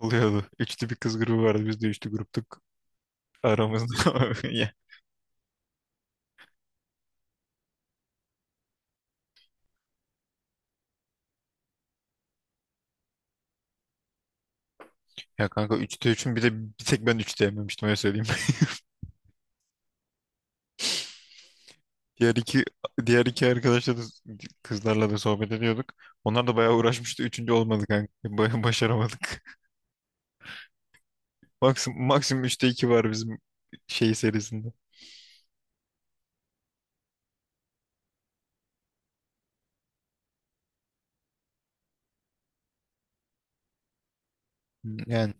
Oluyordu. Üçlü bir kız grubu vardı. Biz de üçlü gruptuk aramızda. Ya, ya, kanka üçte üçün bir de bir tek ben üçte yememiştim öyle söyleyeyim. Diğer iki diğer iki arkadaşla da kızlarla da sohbet ediyorduk. Onlar da bayağı uğraşmıştı. Üçüncü olmadık kanka. Bayağı başaramadık. Maksimum üçte iki var bizim şey serisinde. Yani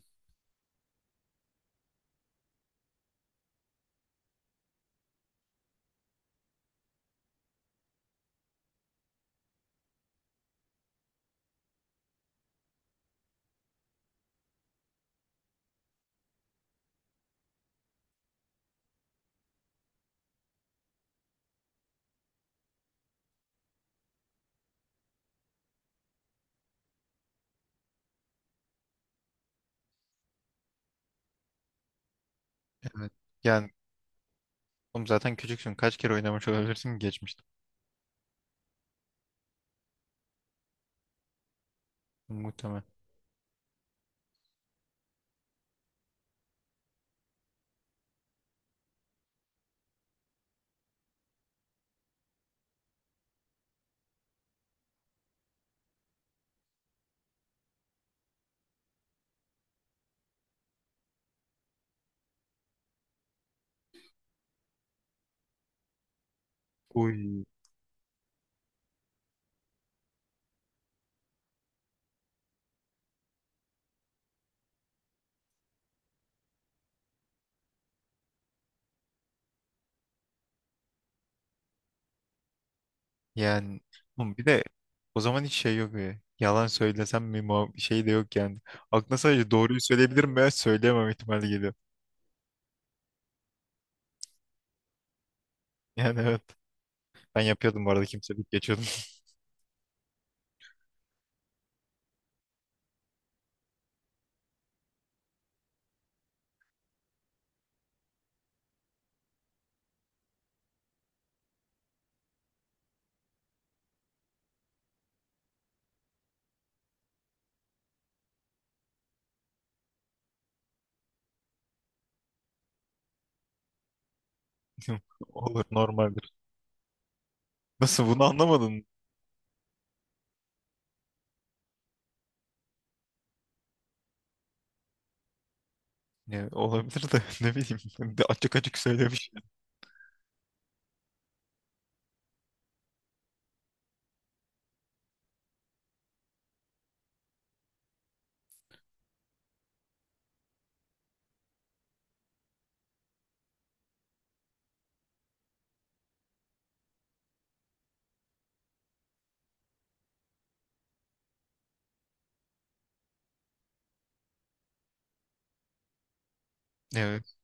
evet. Yani oğlum zaten küçüksün. Kaç kere oynamış olabilirsin ki geçmişte? Muhtemelen. Uy. Yani oğlum bir de o zaman hiç şey yok ya. Yalan söylesem mi şey de yok yani. Aklına sadece doğruyu söyleyebilirim veya söyleyemem ihtimali geliyor. Yani evet. Ben yapıyordum bu arada kimselik geçiyordum. Olur normaldir. Nasıl bunu anlamadın? Ya, olabilir de ne bileyim. Ben de açık açık söylemiş. Evet.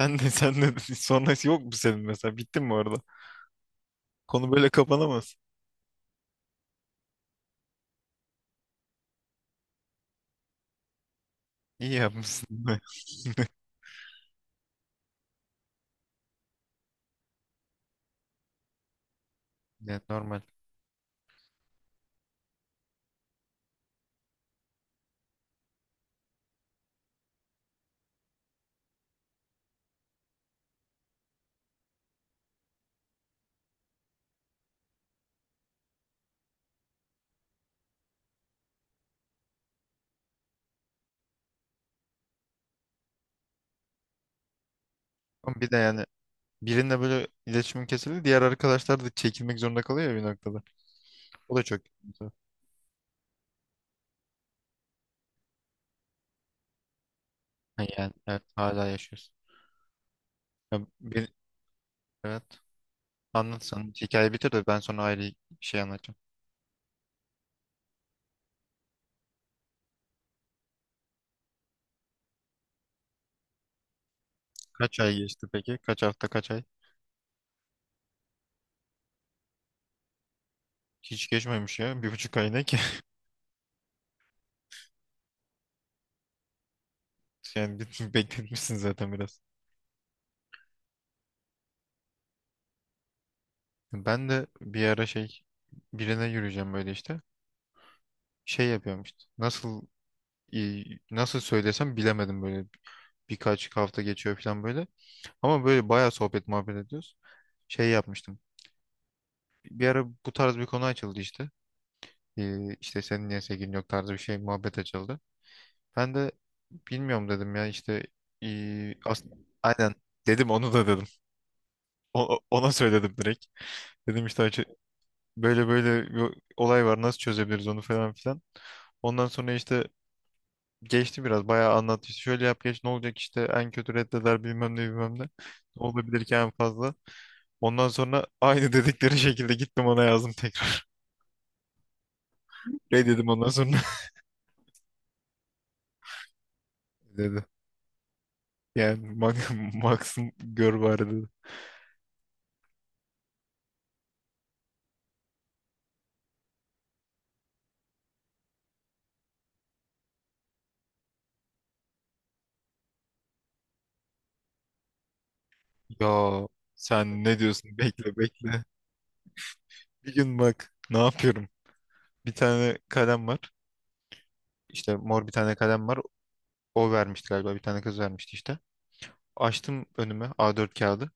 Sen de sonrası yok mu senin mesela? Bittin mi orada? Konu böyle kapanamaz. İyi yapmışsın. Evet, normal. Ama bir de yani birinle böyle iletişimin kesildi. Diğer arkadaşlar da çekilmek zorunda kalıyor ya bir noktada. O da çok kötü. Ha, yani evet hala yaşıyorsun. Ya, bir, evet. Anlat sen. Hikaye bitir de ben sonra ayrı bir şey anlatacağım. Kaç ay geçti peki? Kaç hafta kaç ay? Hiç geçmemiş ya. Bir buçuk ay ne ki? Yani bir- bekletmişsin zaten biraz. Ben de bir ara şey birine yürüyeceğim böyle işte. Şey yapıyorum işte. Nasıl e, nasıl söylesem bilemedim böyle. Birkaç hafta geçiyor falan böyle. Ama böyle bayağı sohbet muhabbet ediyoruz. Şey yapmıştım. Bir ara bu tarz bir konu açıldı işte. İşte senin niye sevgilin yok tarzı bir şey muhabbet açıldı. Ben de bilmiyorum dedim ya işte ee, as- aynen dedim onu da dedim. Ona söyledim direkt. Dedim işte böyle böyle bir olay var nasıl çözebiliriz onu falan filan. Ondan sonra işte geçti biraz bayağı anlattı. İşte şöyle yap geç ne olacak işte en kötü reddeder bilmem ne bilmem ne. Ne olabilir ki en fazla. Ondan sonra aynı dedikleri şekilde gittim ona yazdım tekrar. Reddedim ondan sonra dedi. Yani Max, Max'ın gör bari dedi. Ya sen ne diyorsun bekle bekle. Bir gün bak ne yapıyorum. Bir tane kalem var. İşte mor bir tane kalem var. O vermişti galiba bir tane kız vermişti işte. Açtım önüme A4 kağıdı.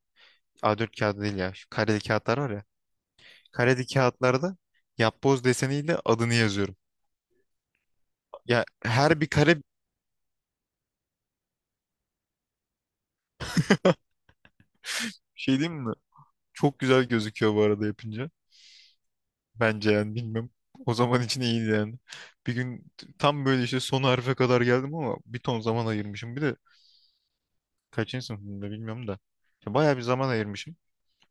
A4 kağıdı değil ya. Şu kareli kağıtlar var ya. Kareli kağıtlarda yapboz deseniyle adını yazıyorum. Ya her bir kare şey diyeyim mi? Çok güzel gözüküyor bu arada yapınca. Bence yani bilmem. O zaman için iyiydi yani. Bir gün tam böyle işte son harfe kadar geldim ama bir ton zaman ayırmışım. Bir de kaçıncı sınıfımda bilmiyorum da. İşte bayağı bir zaman ayırmışım.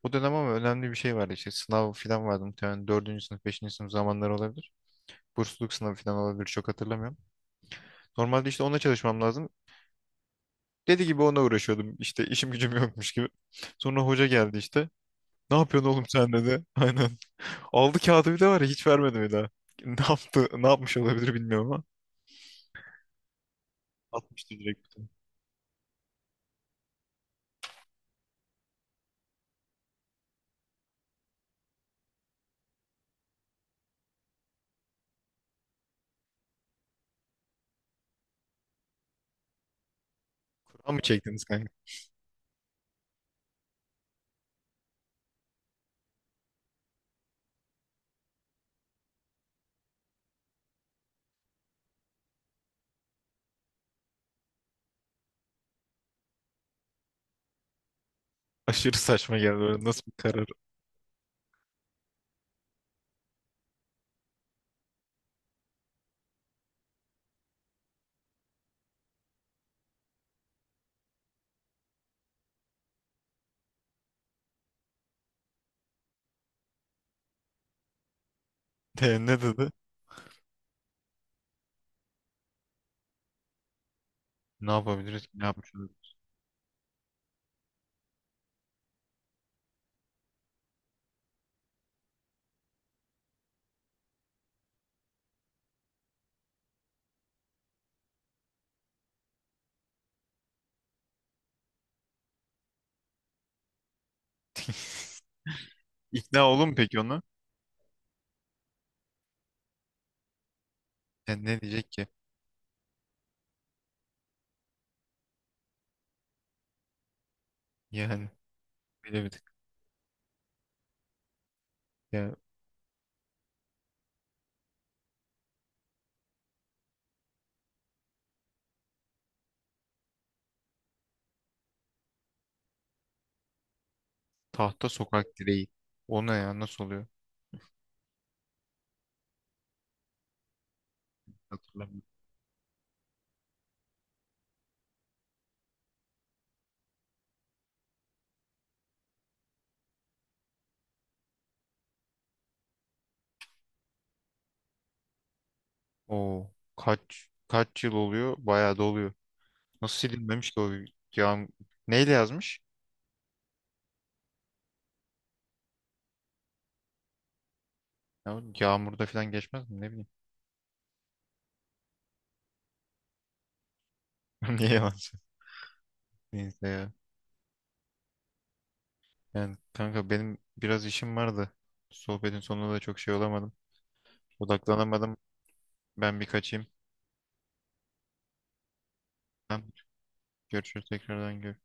O dönem ama önemli bir şey vardı işte sınav falan vardı muhtemelen dördüncü sınıf, beşinci sınıf zamanları olabilir. Bursluluk sınavı falan olabilir çok hatırlamıyorum. Normalde işte onunla çalışmam lazım. Dedi gibi ona uğraşıyordum. İşte işim gücüm yokmuş gibi. Sonra hoca geldi işte. Ne yapıyorsun oğlum sen dedi. Aynen. Aldı kağıdı bir de var ya hiç vermedi bir daha. Ne yaptı, ne yapmış olabilir bilmiyorum ama. Atmıştı direkt. Fıra mı çektiniz kanka? Aşırı saçma geldi böyle. Nasıl bir karar? E, ne dedi? Ne yapabiliriz ki? Ne yapmış olabilir? İkna olur peki ona? Yani ne diyecek ki? Yani bilemedik. Ya tahta sokak direği. O ne ya? Nasıl oluyor? Hatırlamıyorum. Oo. Kaç kaç yıl oluyor? Bayağı da oluyor. Nasıl silinmemiş ki o yağm neyle yazmış? Ya, yağmurda falan geçmez mi? Ne bileyim. Niye yalan söylüyorsun? Neyse ya. Yani kanka benim biraz işim vardı. Sohbetin sonunda da çok şey olamadım. Odaklanamadım. Ben bir kaçayım. Tamam. Görüşürüz tekrardan. Görüşürüz.